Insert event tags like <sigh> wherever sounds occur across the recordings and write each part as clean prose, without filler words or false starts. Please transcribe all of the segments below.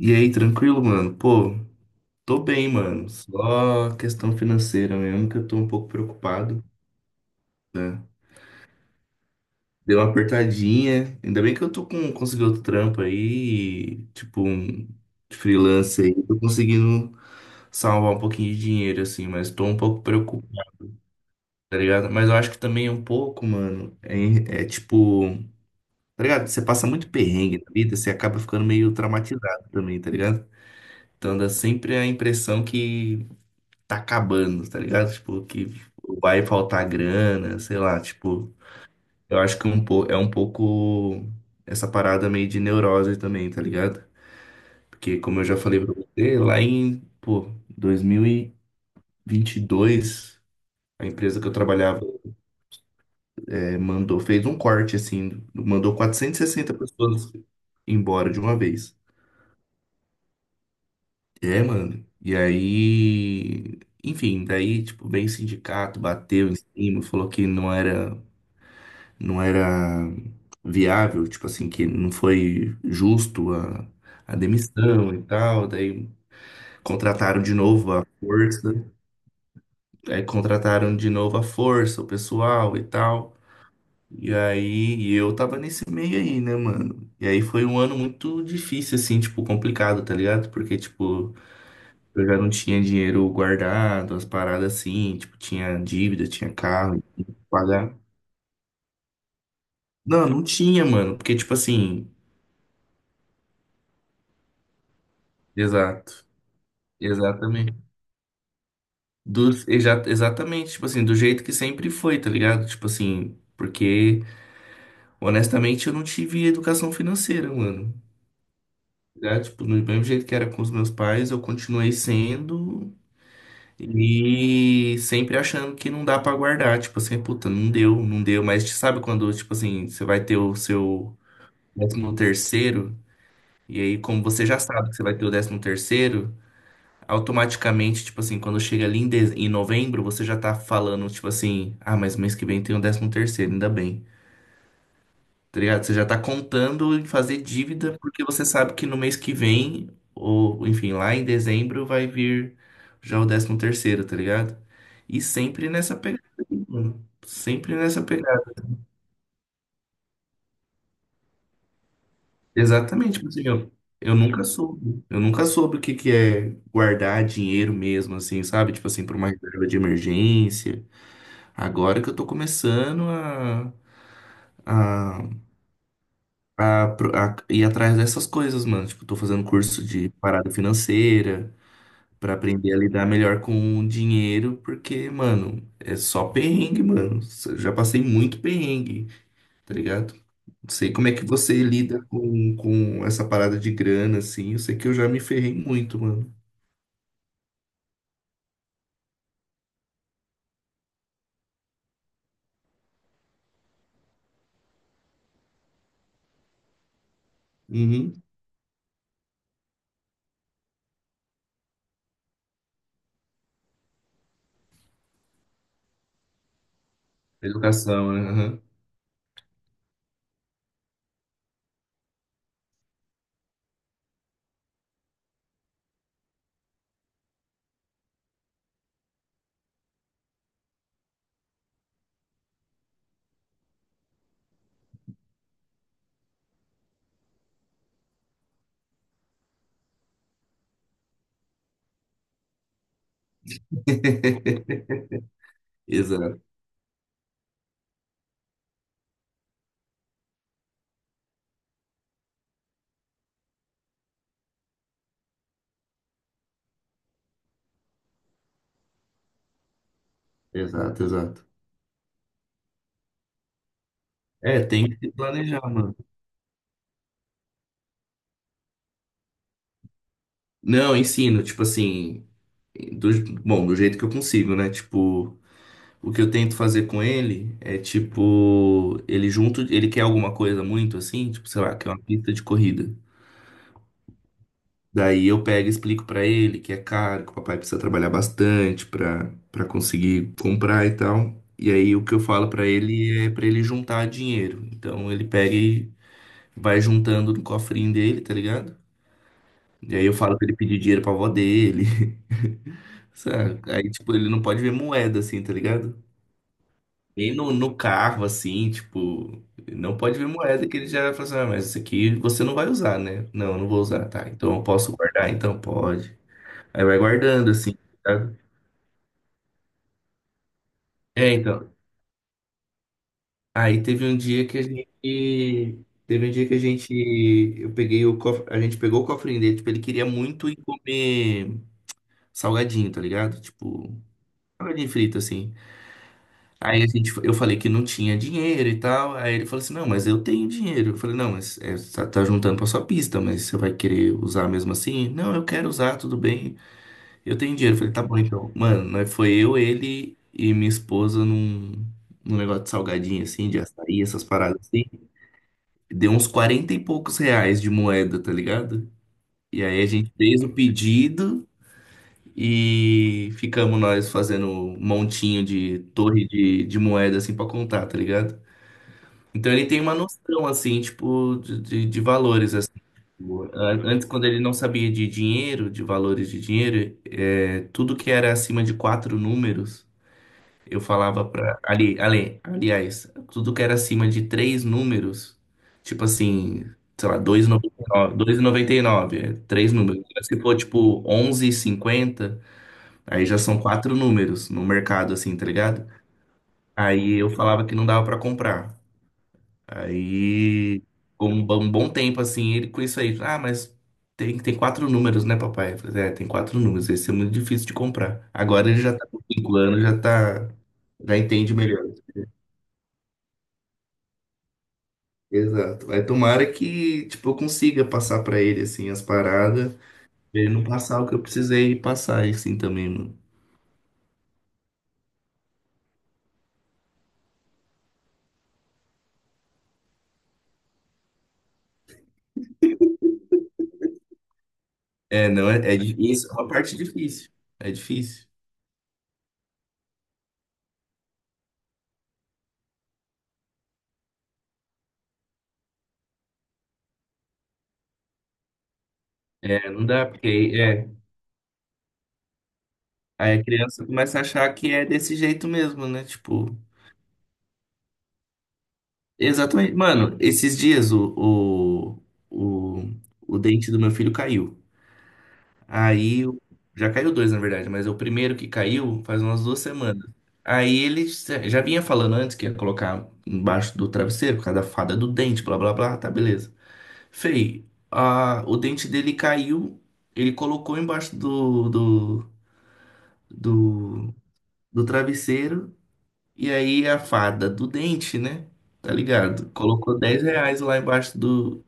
E aí, tranquilo, mano? Pô, tô bem, mano. Só questão financeira mesmo, que eu tô um pouco preocupado, né? Deu uma apertadinha. Ainda bem que eu tô com, consegui outro trampo aí, tipo, um freelance aí. Tô conseguindo salvar um pouquinho de dinheiro, assim, mas tô um pouco preocupado, tá ligado? Mas eu acho que também um pouco, mano, é tipo, tá ligado? Você passa muito perrengue na vida, você acaba ficando meio traumatizado também, tá ligado? Então dá sempre a impressão que tá acabando, tá ligado? Tipo, que vai faltar grana, sei lá, tipo, eu acho que um po é um pouco essa parada meio de neurose também, tá ligado? Porque como eu já falei pra você, lá em, pô, 2022, a empresa que eu trabalhava mandou, fez um corte assim, mandou 460 pessoas embora de uma vez. É, mano. E aí, enfim, daí, tipo, veio o sindicato, bateu em cima, falou que não era viável, tipo assim, que não foi justo a demissão e tal. Daí contrataram de novo a força, aí contrataram de novo a força, o pessoal e tal. E aí, eu tava nesse meio aí, né, mano? E aí foi um ano muito difícil, assim, tipo, complicado, tá ligado? Porque, tipo, eu já não tinha dinheiro guardado, as paradas assim, tipo, tinha dívida, tinha carro, tinha que pagar. Não, não tinha, mano, porque, tipo assim, exato. Exatamente. Exatamente, tipo assim, do jeito que sempre foi, tá ligado? Tipo assim, porque honestamente eu não tive educação financeira, mano. Já, tipo, do mesmo jeito que era com os meus pais, eu continuei sendo e sempre achando que não dá pra guardar. Tipo assim, puta, não deu, não deu. Mas sabe quando, tipo assim, você vai ter o seu décimo terceiro, e aí, como você já sabe que você vai ter o décimo terceiro, automaticamente, tipo assim, quando chega ali em novembro, você já tá falando, tipo assim, ah, mas mês que vem tem o décimo terceiro, ainda bem. Tá ligado? Você já tá contando em fazer dívida, porque você sabe que no mês que vem, ou enfim, lá em dezembro, vai vir já o décimo terceiro, tá ligado? E sempre nessa pegada, mano. Sempre nessa pegada. Exatamente, tipo assim, eu nunca soube. Eu nunca soube o que que é guardar dinheiro mesmo, assim, sabe? Tipo assim, pra uma reserva de emergência. Agora que eu tô começando a, a ir atrás dessas coisas, mano. Tipo, tô fazendo curso de parada financeira pra aprender a lidar melhor com o dinheiro, porque, mano, é só perrengue, mano. Eu já passei muito perrengue, tá ligado? Não sei como é que você lida com essa parada de grana, assim. Eu sei que eu já me ferrei muito, mano. Uhum. Educação, né? Aham. Exato, exato, exato. É, tem que se planejar, mano. Não, ensino, tipo assim, do, do jeito que eu consigo, né? Tipo, o que eu tento fazer com ele é tipo, ele junto, ele quer alguma coisa muito assim, tipo, sei lá, quer uma pista de corrida. Daí eu pego e explico pra ele que é caro, que o papai precisa trabalhar bastante pra para conseguir comprar e tal. E aí o que eu falo pra ele é pra ele juntar dinheiro. Então ele pega e vai juntando no cofrinho dele, tá ligado? E aí eu falo pra ele pedir dinheiro pra avó dele. <laughs> Sabe? Aí, tipo, ele não pode ver moeda, assim, tá ligado? Nem no carro, assim, tipo, não pode ver moeda que ele já fala assim, ah, mas isso aqui você não vai usar, né? Não, eu não vou usar, tá? Então eu posso guardar, então pode. Aí vai guardando, assim, sabe? É, então. Aí teve um dia que a gente. Teve um dia que a gente. Eu peguei o cof- A gente pegou o cofrinho dele, tipo, ele queria muito ir comer salgadinho, tá ligado? Tipo, salgadinho frito, assim. Aí a gente, eu falei que não tinha dinheiro e tal. Aí ele falou assim: não, mas eu tenho dinheiro. Eu falei: não, mas, você tá, juntando pra sua pista, mas você vai querer usar mesmo assim? Não, eu quero usar, tudo bem. Eu tenho dinheiro. Eu falei: tá bom, então. Mano, nós foi eu, ele e minha esposa num negócio de salgadinho assim, de açaí, essas paradas assim. Deu uns 40 e poucos reais de moeda, tá ligado? E aí a gente fez o pedido. E ficamos nós fazendo um montinho de torre de moeda assim pra contar, tá ligado? Então ele tem uma noção, assim, tipo, de valores, assim. Tipo, antes, quando ele não sabia de dinheiro, de valores de dinheiro, é, tudo que era acima de quatro números, eu falava pra... Aliás, tudo que era acima de três números, tipo assim, sei lá, 2,99, 2,99, três números. Mas se for, tipo, 11,50, aí já são quatro números no mercado, assim, tá ligado? Aí eu falava que não dava pra comprar. Aí, com um bom tempo, assim, ele com isso aí, ah, mas tem quatro números, né, papai? Eu falei, é, tem quatro números, esse é muito difícil de comprar. Agora ele já tá com 5 anos, já tá, já entende melhor. Exato. Vai tomara que, tipo, eu consiga passar pra ele, assim, as paradas, pra ele não passar o que eu precisei passar, assim, também, mano. É, não, é, é difícil, é uma parte difícil. É, não dá, porque aí, é, aí a criança começa a achar que é desse jeito mesmo, né, tipo... Exatamente. Mano, esses dias o, o, o dente do meu filho caiu. Aí, já caiu dois, na verdade, mas é o primeiro que caiu faz umas 2 semanas. Aí ele já vinha falando antes que ia colocar embaixo do travesseiro, por causa da fada do dente, blá blá blá, tá, beleza. Fei, o dente dele caiu, ele colocou embaixo do, do travesseiro, e aí a fada do dente, né? Tá ligado? Colocou R$ 10 lá embaixo do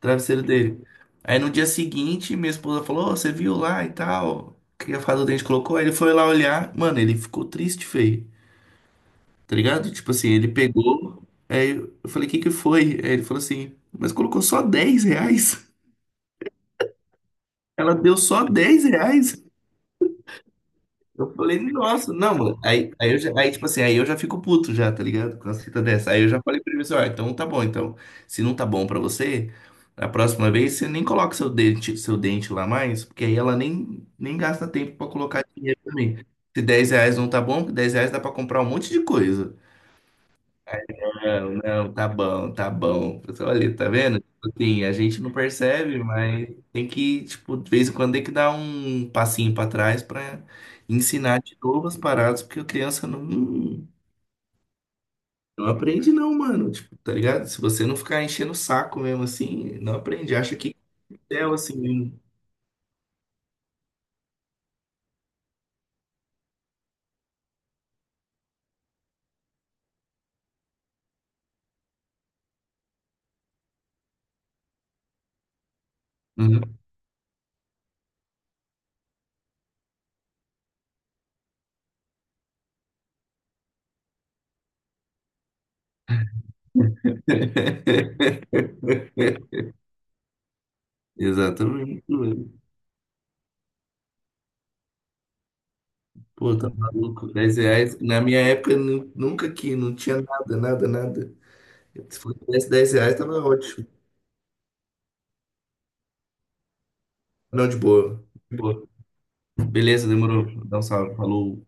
travesseiro dele. Aí no dia seguinte, minha esposa falou: "Ô, você viu lá e tal? O que a fada do dente colocou?" Aí ele foi lá olhar, mano, ele ficou triste, feio, tá ligado? Tipo assim, ele pegou, aí eu falei: o "Que que foi?" Aí ele falou assim: "Mas colocou só R$ 10. Ela deu só R$ 10." Eu falei, nossa, não, mano. Eu já, aí, tipo assim, aí eu já fico puto já, tá ligado? Com as fitas dessa. Aí eu já falei pra ele assim, ó, então tá bom, então. Se não tá bom pra você, a próxima vez você nem coloca seu dente lá mais, porque aí ela nem gasta tempo pra colocar dinheiro também. Se R$ 10 não tá bom, porque R$ 10 dá pra comprar um monte de coisa. Não, não, tá bom, tá bom. Pessoal, olha, tá vendo? Tipo assim, a gente não percebe, mas tem que, tipo, de vez em quando tem que dar um passinho pra trás pra ensinar de novo as paradas, porque a criança não, não aprende não, mano. Tipo, tá ligado? Se você não ficar enchendo o saco mesmo assim, não aprende. Acha que é assim mesmo. Uhum. <laughs> Exatamente, mano. Pô, tá maluco. R$ 10. Na minha época, nunca que não tinha nada, nada, nada. Se for 10 R$ 10, tava ótimo. Não, de boa. De boa. Beleza, demorou. Dá um salve. Falou.